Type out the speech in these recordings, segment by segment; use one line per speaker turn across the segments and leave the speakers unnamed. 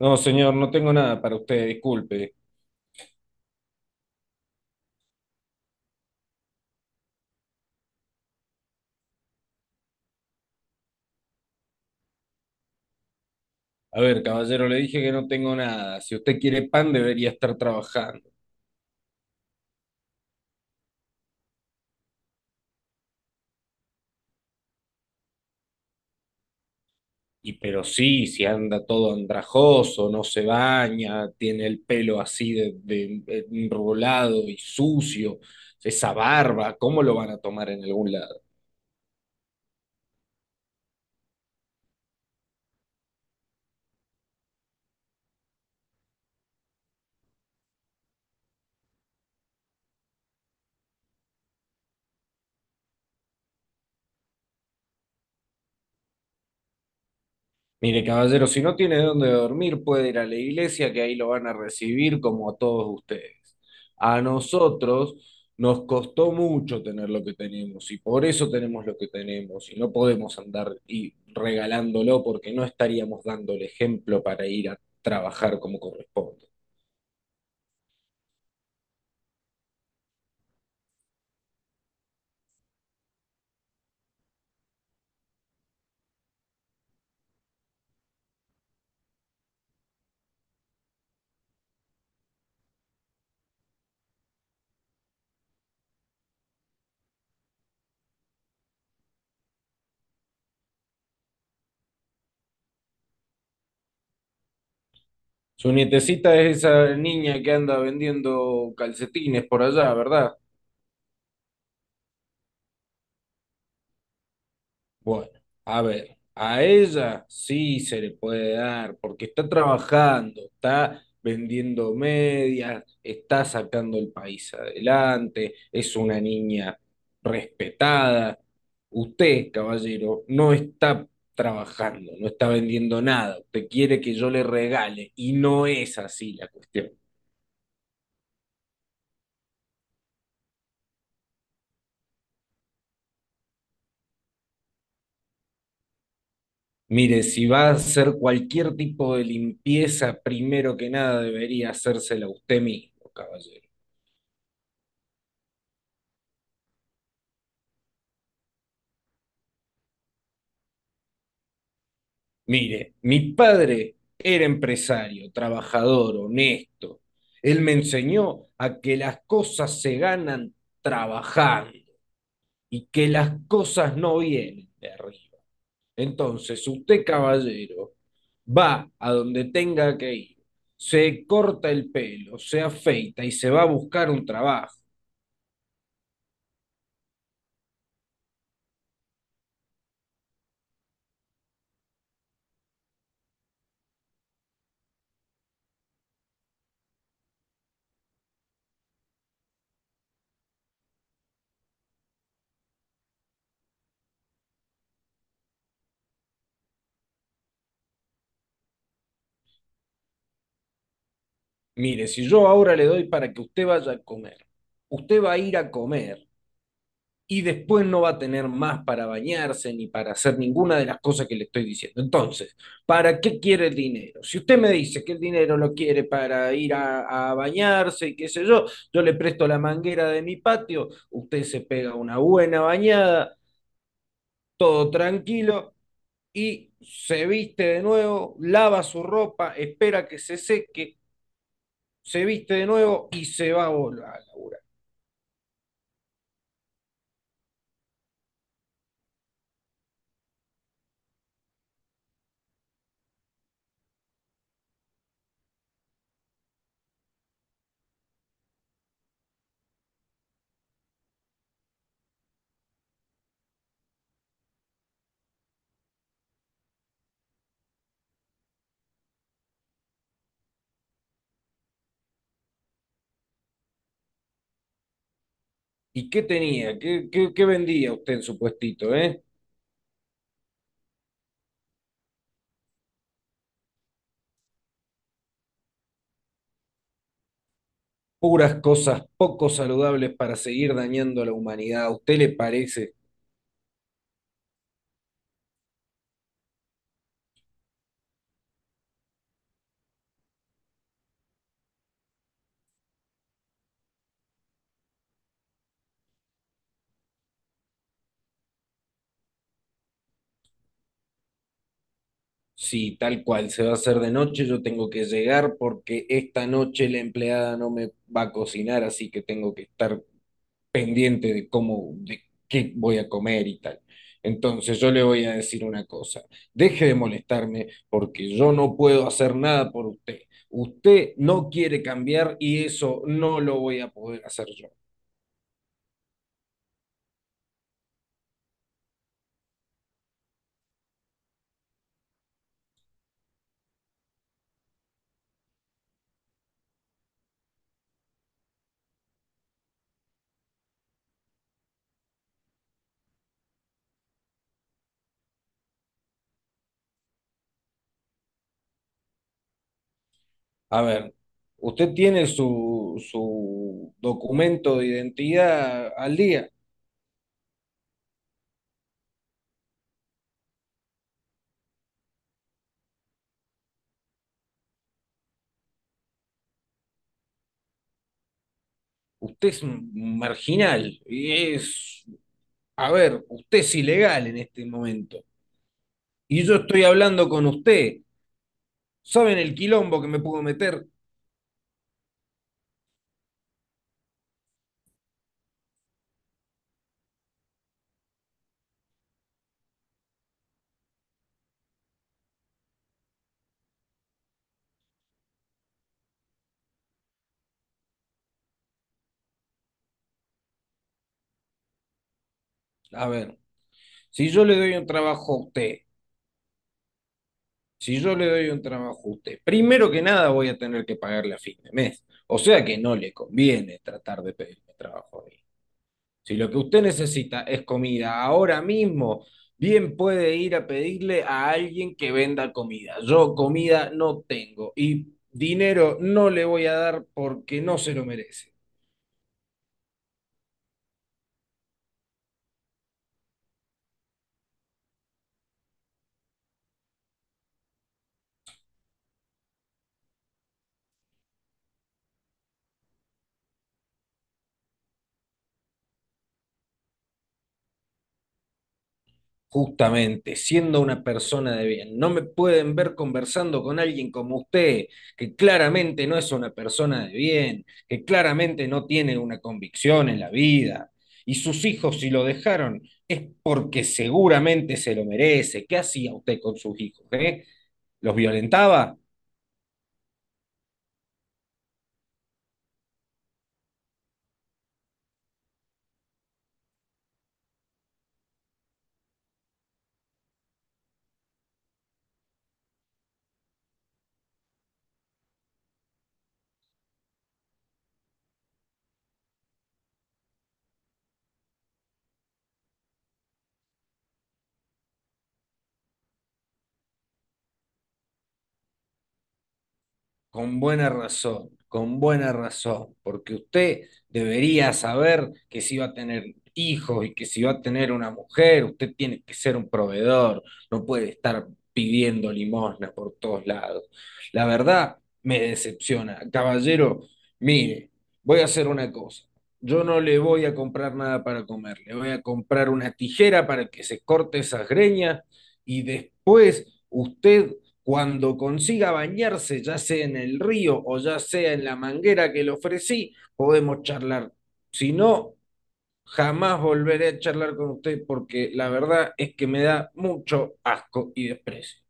No, señor, no tengo nada para usted, disculpe. A ver, caballero, le dije que no tengo nada. Si usted quiere pan, debería estar trabajando. Y pero sí, si anda todo andrajoso, no se baña, tiene el pelo así enrulado y sucio, esa barba, ¿cómo lo van a tomar en algún lado? Mire, caballero, si no tiene dónde dormir, puede ir a la iglesia, que ahí lo van a recibir como a todos ustedes. A nosotros nos costó mucho tener lo que tenemos y por eso tenemos lo que tenemos y no podemos andar y regalándolo porque no estaríamos dando el ejemplo para ir a trabajar como corresponde. Su nietecita es esa niña que anda vendiendo calcetines por allá, ¿verdad? Bueno, a ver, a ella sí se le puede dar, porque está trabajando, está vendiendo medias, está sacando el país adelante, es una niña respetada. Usted, caballero, no está trabajando, no está vendiendo nada, usted quiere que yo le regale, y no es así la cuestión. Mire, si va a hacer cualquier tipo de limpieza, primero que nada debería hacérsela usted mismo, caballero. Mire, mi padre era empresario, trabajador, honesto. Él me enseñó a que las cosas se ganan trabajando y que las cosas no vienen de arriba. Entonces, usted, caballero, va a donde tenga que ir, se corta el pelo, se afeita y se va a buscar un trabajo. Mire, si yo ahora le doy para que usted vaya a comer, usted va a ir a comer y después no va a tener más para bañarse ni para hacer ninguna de las cosas que le estoy diciendo. Entonces, ¿para qué quiere el dinero? Si usted me dice que el dinero lo quiere para ir a bañarse y qué sé yo, yo le presto la manguera de mi patio, usted se pega una buena bañada, todo tranquilo y se viste de nuevo, lava su ropa, espera que se seque, se viste de nuevo y se va a volver a laburar. ¿Y qué tenía? ¿Qué vendía usted en su puestito, eh? Puras cosas poco saludables para seguir dañando a la humanidad. ¿A usted le parece? Si tal cual se va a hacer de noche, yo tengo que llegar porque esta noche la empleada no me va a cocinar, así que tengo que estar pendiente de cómo, de qué voy a comer y tal. Entonces yo le voy a decir una cosa, deje de molestarme porque yo no puedo hacer nada por usted. Usted no quiere cambiar y eso no lo voy a poder hacer yo. A ver, usted tiene su documento de identidad al día. Usted es un marginal y es, a ver, usted es ilegal en este momento. Y yo estoy hablando con usted. ¿Saben el quilombo que me puedo meter? A ver, si yo le doy un trabajo a usted, si yo le doy un trabajo a usted, primero que nada voy a tener que pagarle a fin de mes. O sea que no le conviene tratar de pedirme trabajo. Si lo que usted necesita es comida ahora mismo, bien puede ir a pedirle a alguien que venda comida. Yo comida no tengo y dinero no le voy a dar porque no se lo merece. Justamente, siendo una persona de bien, no me pueden ver conversando con alguien como usted, que claramente no es una persona de bien, que claramente no tiene una convicción en la vida. Y sus hijos, si lo dejaron, es porque seguramente se lo merece. ¿Qué hacía usted con sus hijos, eh? ¿Los violentaba? Con buena razón, porque usted debería saber que si va a tener hijos y que si va a tener una mujer, usted tiene que ser un proveedor, no puede estar pidiendo limosna por todos lados. La verdad me decepciona. Caballero, mire, voy a hacer una cosa. Yo no le voy a comprar nada para comer, le voy a comprar una tijera para que se corte esas greñas y después usted, cuando consiga bañarse, ya sea en el río o ya sea en la manguera que le ofrecí, podemos charlar. Si no, jamás volveré a charlar con usted porque la verdad es que me da mucho asco y desprecio.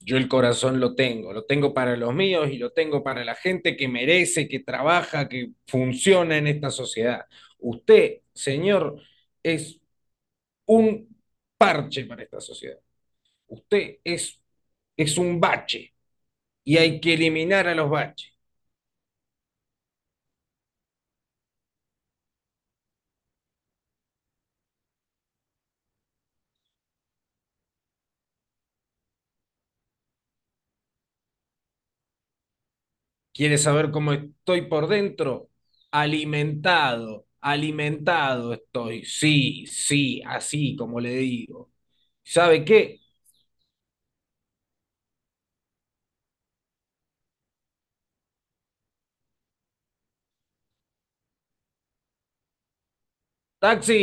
Yo el corazón lo tengo para los míos y lo tengo para la gente que merece, que trabaja, que funciona en esta sociedad. Usted, señor, es un parche para esta sociedad. Usted es un bache. Y hay que eliminar a los baches. ¿Quieres saber cómo estoy por dentro? Alimentado, alimentado estoy. Sí, sí, así como le digo. ¿Sabe qué? Taxi,